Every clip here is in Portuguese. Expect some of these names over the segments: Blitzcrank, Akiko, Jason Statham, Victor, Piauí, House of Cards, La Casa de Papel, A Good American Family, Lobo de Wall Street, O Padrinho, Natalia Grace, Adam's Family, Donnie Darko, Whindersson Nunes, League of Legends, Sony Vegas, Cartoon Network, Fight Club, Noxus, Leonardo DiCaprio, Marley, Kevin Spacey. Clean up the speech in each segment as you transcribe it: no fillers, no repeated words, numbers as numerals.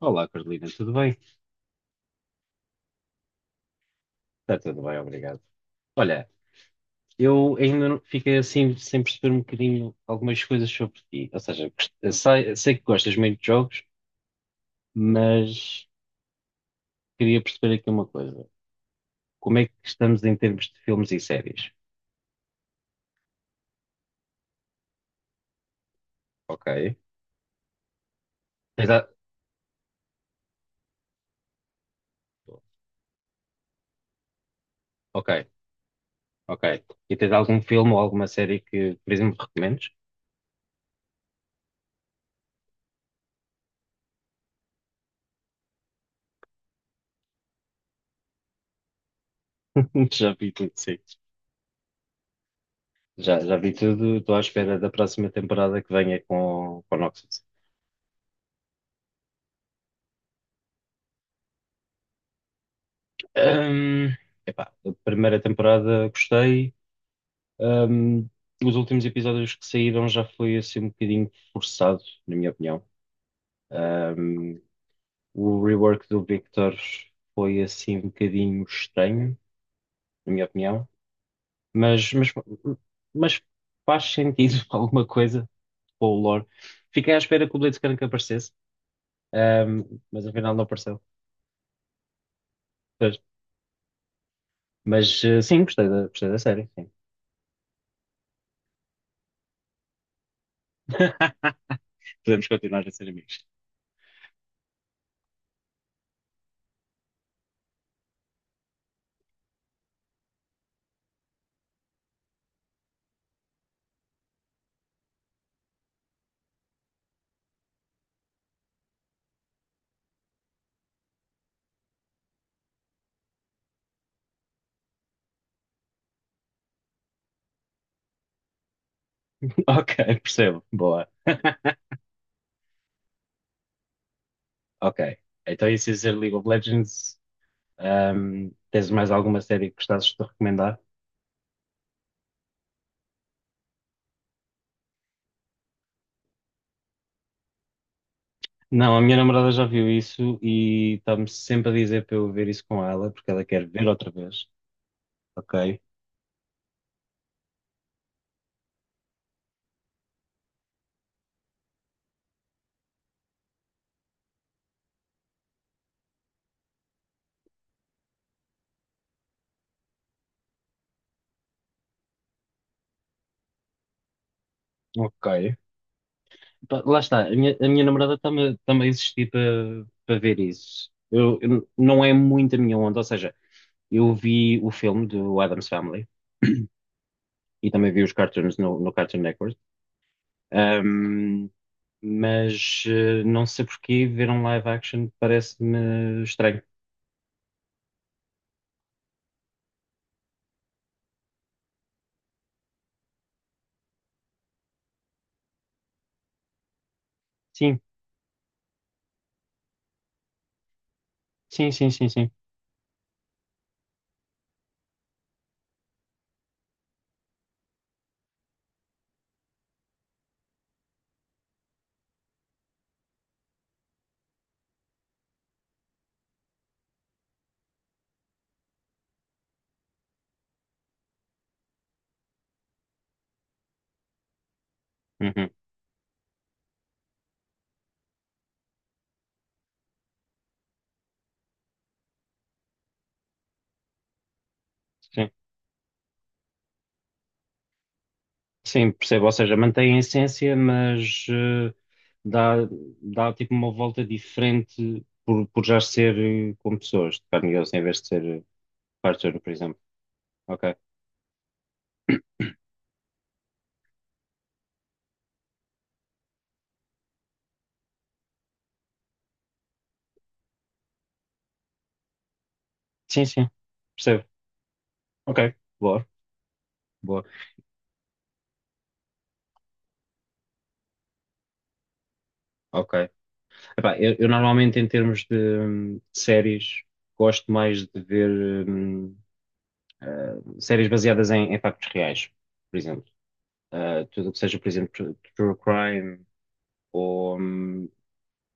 Olá, Carolina, tudo bem? Está tudo bem, obrigado. Olha, eu ainda não- fiquei assim sem perceber um bocadinho algumas coisas sobre ti. Ou seja, sei que gostas muito de jogos, mas queria perceber aqui uma coisa. Como é que estamos em termos de filmes e séries? Ok. Tens a- Ok, ok. E tens algum filme ou alguma série que, por exemplo, recomendes? Já vi tudo, sim. Já vi tudo, estou à espera da próxima temporada que venha com o Noxus. Ahm, Epá, a primeira temporada gostei. Ahm, os últimos episódios que saíram já foi assim um bocadinho forçado, na minha opinião. Ahm, o rework do Victor foi assim um bocadinho estranho, na minha opinião, mas, mas, mas faz sentido alguma coisa com o lore. Fiquei à espera que o Blitzcrank aparecesse, ahm, mas afinal não apareceu. Pois. Mas sim, gostei da série, sim. Podemos continuar a ser amigos. Ok, percebo. Boa. Ok. Então, isso se dizer League of Legends, tens mais alguma série que gostasses de recomendar? Não, a minha namorada já viu isso e está-me sempre a dizer para eu ver isso com ela, porque ela quer ver outra vez. Ok. Ok. Pá, lá está, a minha namorada está-me a insistir para ver isso. Não é muito a minha onda, ou seja, eu vi o filme do Adam's Family e também vi os cartoons no Cartoon Network. Ahm, mas não sei porquê ver um live action parece-me estranho. Sim, sim, sim, sim, sim. Uhum, sim. Sim, percebo. Ou seja, mantém a essência, mas dá, dá tipo uma volta diferente por já ser com pessoas de carne e osso, em vez de ser cartoon, por exemplo. Ok. Sim, sim. Percebo. Ok. Boa. Boa, ok. Epá, eu normalmente, em termos de séries, gosto mais de ver séries baseadas em factos reais, por exemplo. Ah, tudo o que seja, por exemplo, true crime ou hum,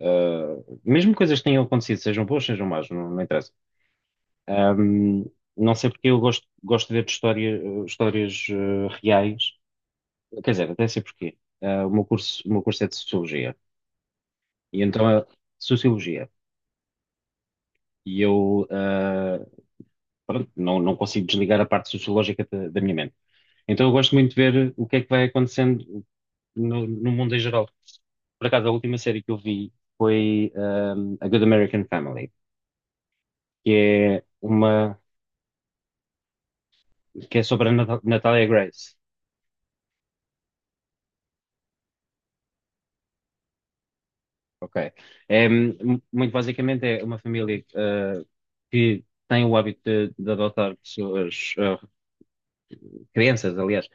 ah, mesmo coisas que tenham acontecido, sejam boas, sejam más, não, não interessa. Ahm, não sei porque eu gosto de ver de histórias reais. Quer dizer, até sei porquê. Ah, o meu curso é de Sociologia. E então, a Sociologia. E eu, pronto, não consigo desligar a parte sociológica da minha mente. Então eu gosto muito de ver o que é que vai acontecendo no mundo em geral. Por acaso, a última série que eu vi foi A Good American Family, que é uma que é sobre a Natalia Grace. Ok. É, muito basicamente é uma família que tem o hábito de adotar pessoas, crianças, aliás,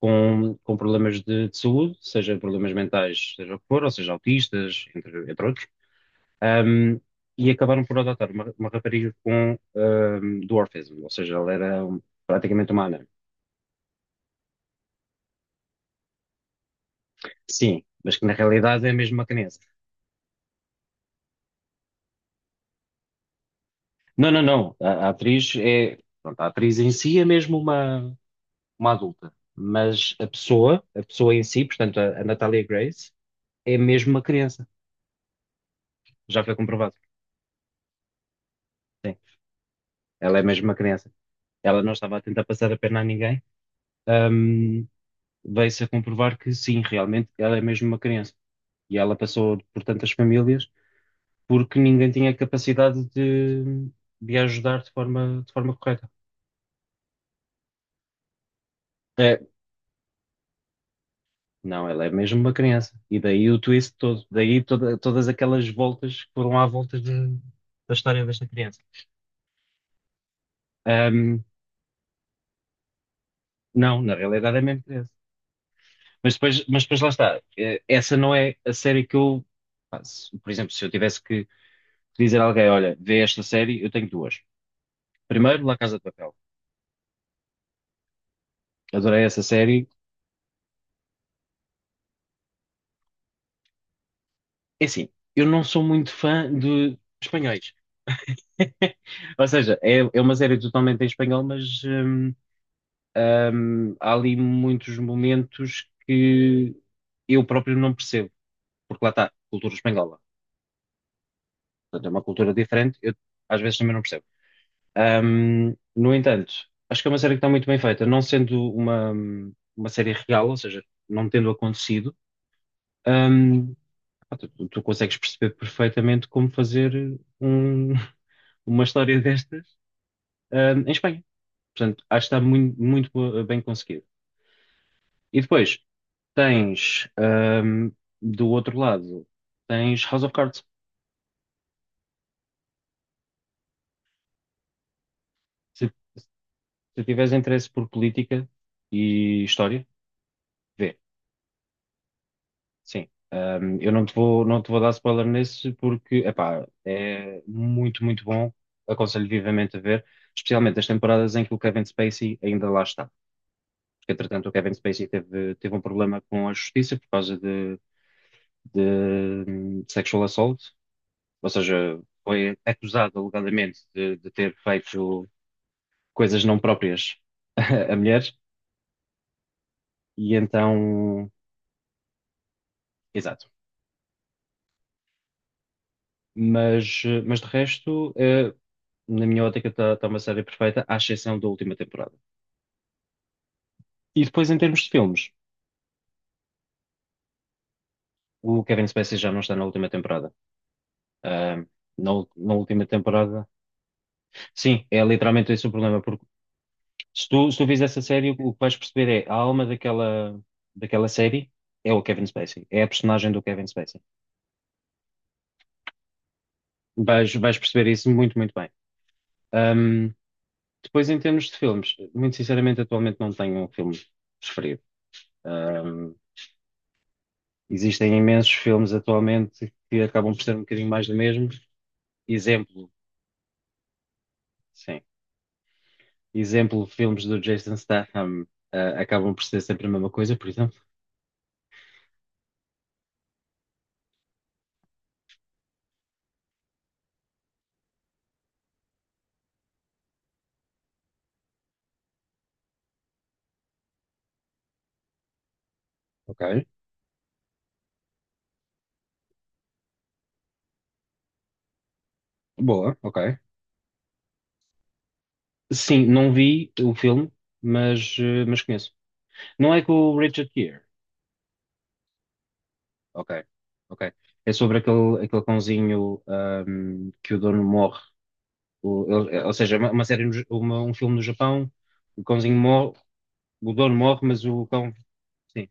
com problemas de saúde, seja problemas mentais, seja o que for, ou seja, autistas, entre outros. Um, e acabaram por adotar uma rapariga com um dwarfism, ou seja, ela era praticamente uma anã. Sim, mas que na realidade é mesmo uma criança. Não, não, não. A atriz é, pronto, a atriz em si é mesmo uma adulta, mas a pessoa em si, portanto, a Natalia Grace, é mesmo uma criança. Já foi comprovado. Sim, ela é mesmo uma criança. Ela não estava a tentar passar a perna a ninguém. Um, Veio-se a comprovar que sim, realmente ela é mesmo uma criança. E ela passou por tantas famílias porque ninguém tinha capacidade de a ajudar de forma correta. É, não, ela é mesmo uma criança. E daí o twist todo, daí todas aquelas voltas que foram à volta da história desta criança. Ahm, não, na realidade é mesmo criança. Mas depois, lá está. Essa não é a série que eu faço. Por exemplo, se eu tivesse que dizer a alguém, olha, vê esta série, eu tenho duas. Primeiro, La Casa de Papel. Adorei essa série. É assim, eu não sou muito fã de espanhóis. Ou seja, é uma série totalmente em espanhol, mas há ali muitos momentos que eu próprio não percebo, porque lá está, cultura espanhola. Portanto, é uma cultura diferente, eu às vezes também não percebo. No entanto, acho que é uma série que está muito bem feita, não sendo uma série real, ou seja, não tendo acontecido, hum, tu consegues perceber perfeitamente como fazer uma história destas em Espanha. Portanto, acho que está muito, muito bem conseguido. E depois tens, hum, do outro lado, tens House of Cards. Se, se tiveres interesse por política e história, vê. Sim. Eu não te vou dar spoiler nesse porque, epá, é muito, muito bom. Aconselho vivamente a ver, especialmente as temporadas em que o Kevin Spacey ainda lá está. Porque, entretanto, o Kevin Spacey teve um problema com a justiça por causa de sexual assault. Ou seja, foi acusado alegadamente de ter feito coisas não próprias a mulheres, e então, exato. Mas, de resto, na minha ótica, está uma série perfeita, à exceção da última temporada. E depois, em termos de filmes, o Kevin Spacey já não está na última temporada. Ah, na última temporada, sim, é literalmente esse o problema, porque se tu vês essa série, o que vais perceber é a alma daquela série é o Kevin Spacey, é a personagem do Kevin Spacey. Vais perceber isso muito, muito bem. Ahm, Depois, em termos de filmes, muito sinceramente, atualmente não tenho um filme preferido. Ahm, Existem imensos filmes atualmente que acabam por ser um bocadinho mais do mesmo. Exemplo, sim. Exemplo, filmes do Jason Statham, acabam por ser sempre a mesma coisa, por exemplo. Ok. Boa, ok. Sim, não vi o filme, mas conheço. Não é com o Richard Gere? Ok, ok. É sobre aquele cãozinho, que o dono morre. Ou seja, é uma série, no Ja- uma- um filme no Japão, o cãozinho morre, o dono morre, mas o cão. Sim,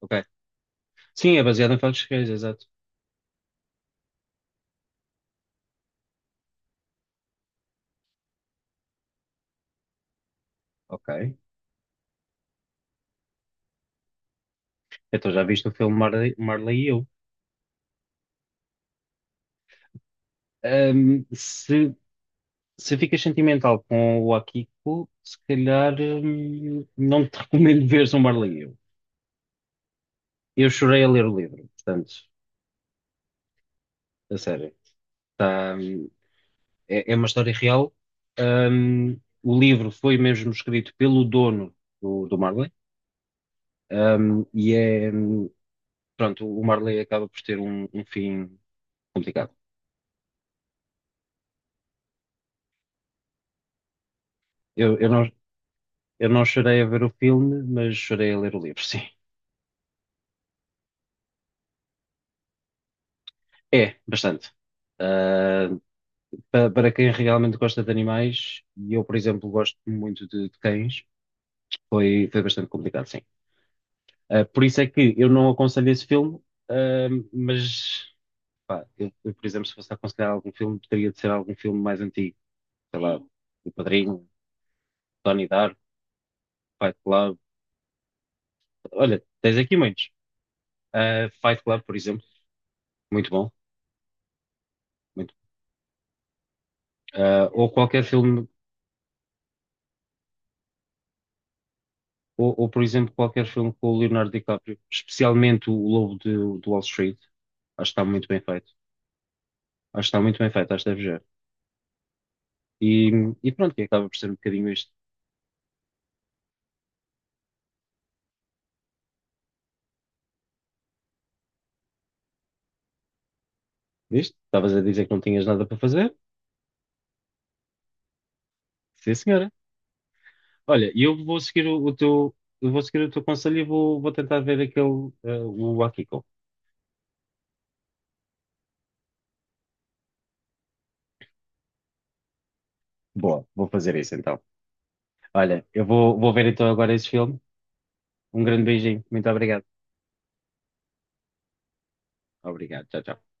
ok. Sim, é baseado em factos reais, exato. Ok. Então já viste o filme Marley e eu. Ahm, se, se ficas sentimental com o Akiko, se calhar não te recomendo veres o Marley e eu. Eu chorei a ler o livro, portanto, a sério. Tá, é uma história real. O livro foi mesmo escrito pelo dono do Marley. E é, pronto, o Marley acaba por ter um fim complicado. Eu, eu não, eu não chorei a ver o filme, mas chorei a ler o livro, sim. É, bastante. Ah, para quem realmente gosta de animais, e eu, por exemplo, gosto muito de cães, foi bastante complicado, sim. Ah, por isso é que eu não aconselho esse filme, ah, mas, pá, eu, por exemplo, se fosse aconselhar algum filme, teria de ser algum filme mais antigo. Sei lá, O Padrinho, Donnie Darko, Fight Club. Olha, tens aqui muitos. Fight Club, por exemplo, muito bom. Muito. Ou qualquer filme, ou, por exemplo, qualquer filme com o Leonardo DiCaprio, especialmente o Lobo do Wall Street. Acho que está muito bem feito. Acho que está muito bem feito, acho que deve já. E, e, pronto, e acaba por ser um bocadinho isto. Isto? Estavas a dizer que não tinhas nada para fazer? Sim, senhora. Olha, Eu vou seguir o teu conselho e vou tentar ver aquele, o Akiko. Boa, vou fazer isso então. Olha, eu vou ver então agora esse filme. Um grande beijinho. Muito obrigado. Obrigado, tchau, tchau.